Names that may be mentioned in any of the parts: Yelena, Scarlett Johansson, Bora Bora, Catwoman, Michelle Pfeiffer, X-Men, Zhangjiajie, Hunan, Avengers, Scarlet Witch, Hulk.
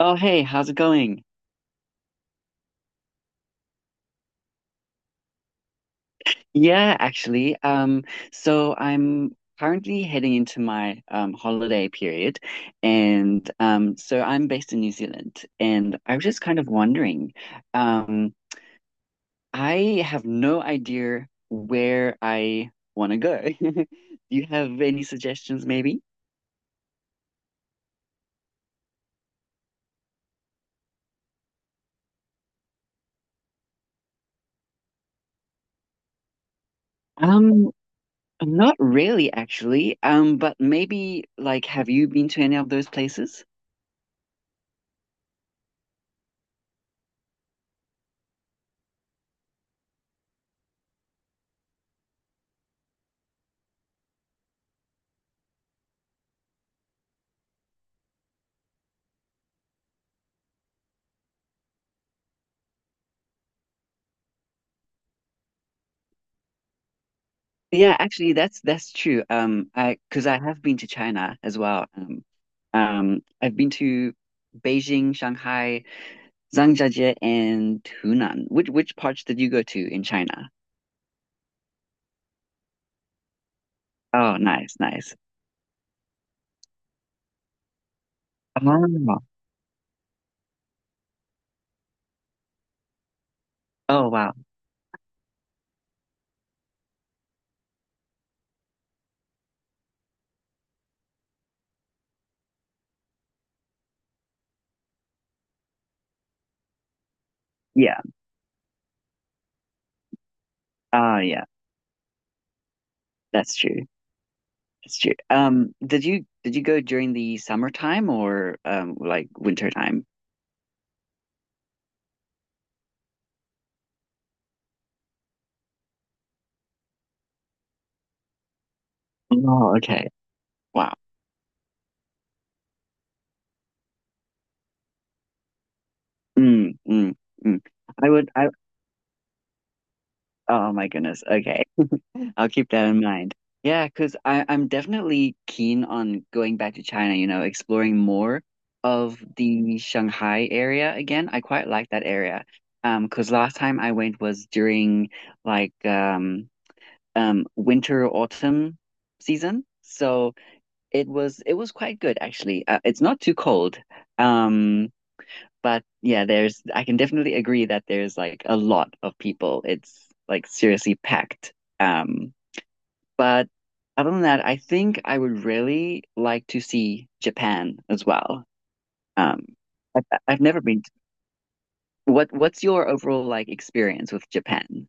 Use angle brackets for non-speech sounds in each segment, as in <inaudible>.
Oh, hey, how's it going? Yeah, actually, so I'm currently heading into my holiday period, and so I'm based in New Zealand, and I was just kind of wondering, um, I have no idea where I want to go. <laughs> Do you have any suggestions, maybe? Um, Not really, actually. But maybe like, have you been to any of those places? Yeah, actually, that's true. I because I have been to China as well. I've been to Beijing, Shanghai, Zhangjiajie, and Hunan. Which parts did you go to in China? Oh, nice, nice. Oh, oh wow. Yeah. Oh, yeah. That's true. That's true. Did you go during the summertime or like winter time? Oh, okay. Wow. Mm, mm, mm. I would I, Oh my goodness. Okay. <laughs> I'll keep that in mind. Yeah, because I'm definitely keen on going back to China, you know, exploring more of the Shanghai area again. I quite like that area. Because last time I went was during like um winter autumn season. So it was quite good actually. It's not too cold. Um but yeah, I can definitely agree that there's like a lot of people. It's like seriously packed. Um, but other than that, I think I would really like to see Japan as well. Um, I, I've never what, what's your overall like experience with Japan?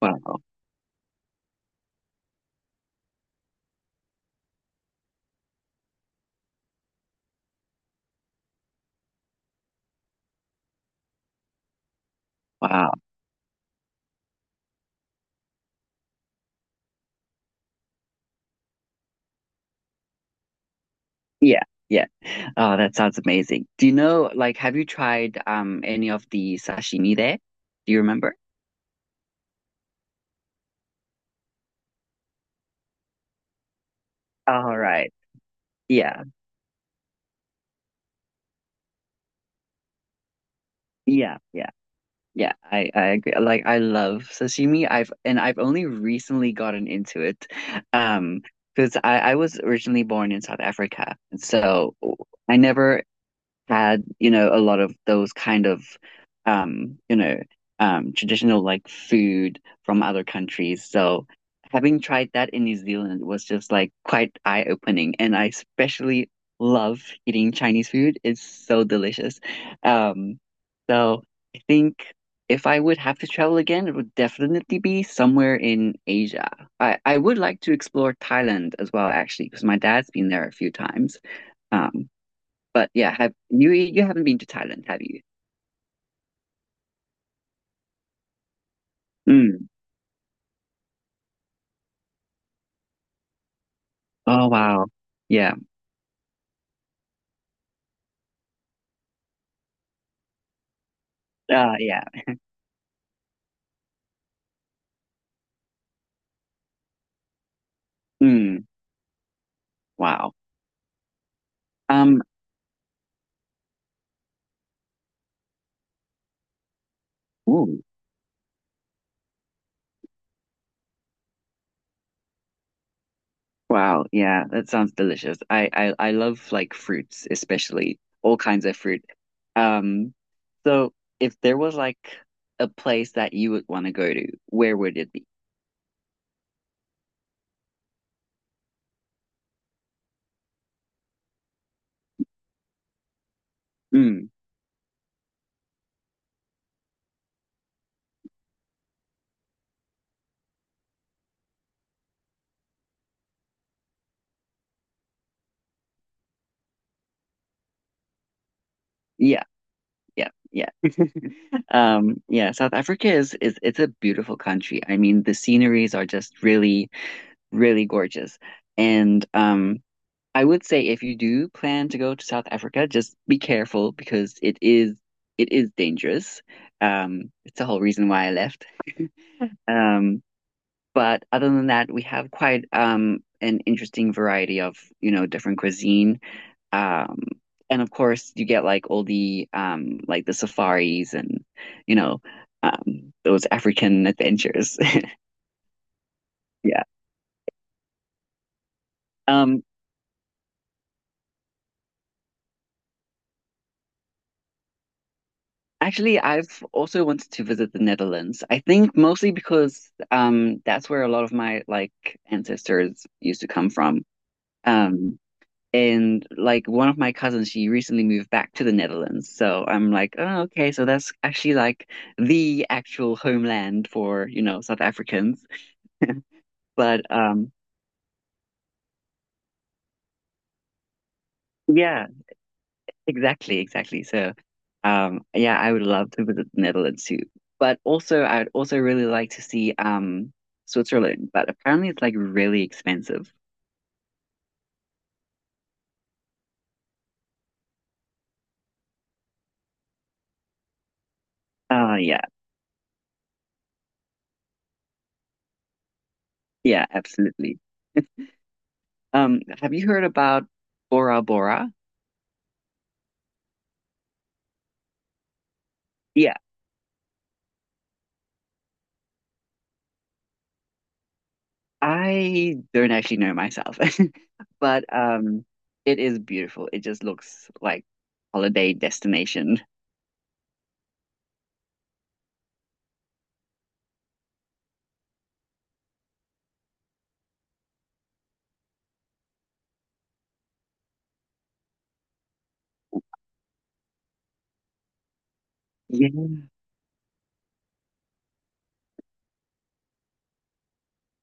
Wow. Wow. Yeah. Yeah. Oh, that sounds amazing. Do you know, like, have you tried any of the sashimi there? Do you remember? All right. Yeah. Yeah. Yeah. Yeah, I agree. Like I love sashimi. I've only recently gotten into it. Um, because I was originally born in South Africa. So I never had, you know, a lot of those kind of, you know, traditional like food from other countries. So having tried that in New Zealand was just like quite eye-opening. And I especially love eating Chinese food. It's so delicious. Um, so I think if I would have to travel again, it would definitely be somewhere in Asia. I would like to explore Thailand as well, actually, because my dad's been there a few times. Um, but yeah, have you haven't been to Thailand, have you? Mm. Oh wow. Yeah. Yeah. Mm. Wow. Um ooh, wow. Yeah, that sounds delicious. I love like fruits, especially all kinds of fruit. Um so if there was like a place that you would want to go to, where would it be? Mm. Yeah. Yeah. Yeah. <laughs> Yeah, South Africa is it's a beautiful country. I mean, the sceneries are just really really gorgeous. And I would say if you do plan to go to South Africa, just be careful because it is dangerous. It's the whole reason why I left. Um, but other than that, we have quite an interesting variety of, you know, different cuisine. Um, and of course you get like all the like the safaris and, you know, those African adventures. <laughs> Yeah. Um, Actually, I've also wanted to visit the Netherlands. I think mostly because that's where a lot of my like ancestors used to come from. Um and like one of my cousins, she recently moved back to the Netherlands. So I'm like, oh, okay, so that's actually like the actual homeland for, you know, South Africans. But yeah. Exactly, exactly. So, yeah, I would love to visit the Netherlands too. But also, I'd also really like to see Switzerland, but apparently it's like really expensive. Yeah, yeah, absolutely. Have you heard about Bora Bora? Yeah, I don't actually know myself, <laughs> but it is beautiful. It just looks like holiday destination. Yeah.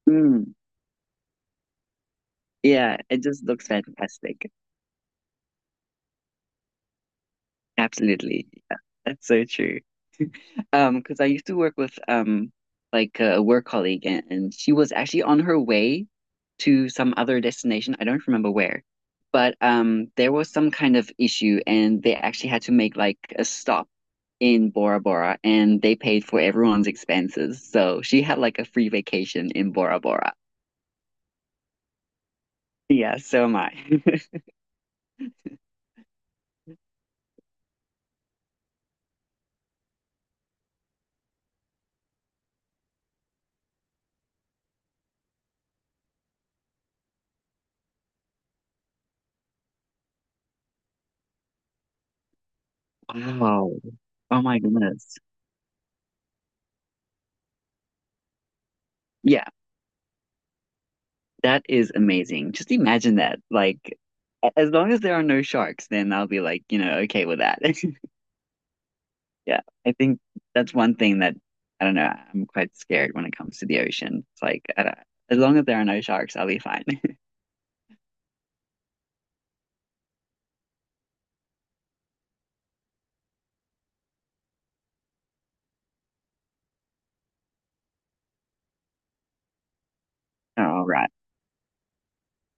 Mm, yeah, it just looks fantastic. Absolutely. Yeah, that's so true. Because I used to work with like a work colleague and, she was actually on her way to some other destination. I don't remember where. But there was some kind of issue and they actually had to make like a stop in Bora Bora and they paid for everyone's expenses. So she had like a free vacation in Bora Bora. Yeah, so am I. <laughs> Wow. Oh my goodness. Yeah. That is amazing. Just imagine that. Like, as long as there are no sharks, then I'll be like, you know, okay with that. <laughs> Yeah, I think that's one thing that I don't know. I'm quite scared when it comes to the ocean. It's like, I don't, as long as there are no sharks, I'll be fine. <laughs> All right.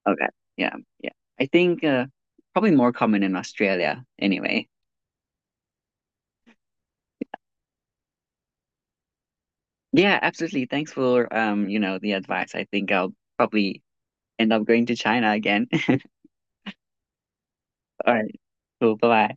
Okay. Yeah. Yeah. I think probably more common in Australia anyway. Yeah, absolutely. Thanks for you know, the advice. I think I'll probably end up going to China again. <laughs> All right. Cool. Bye-bye.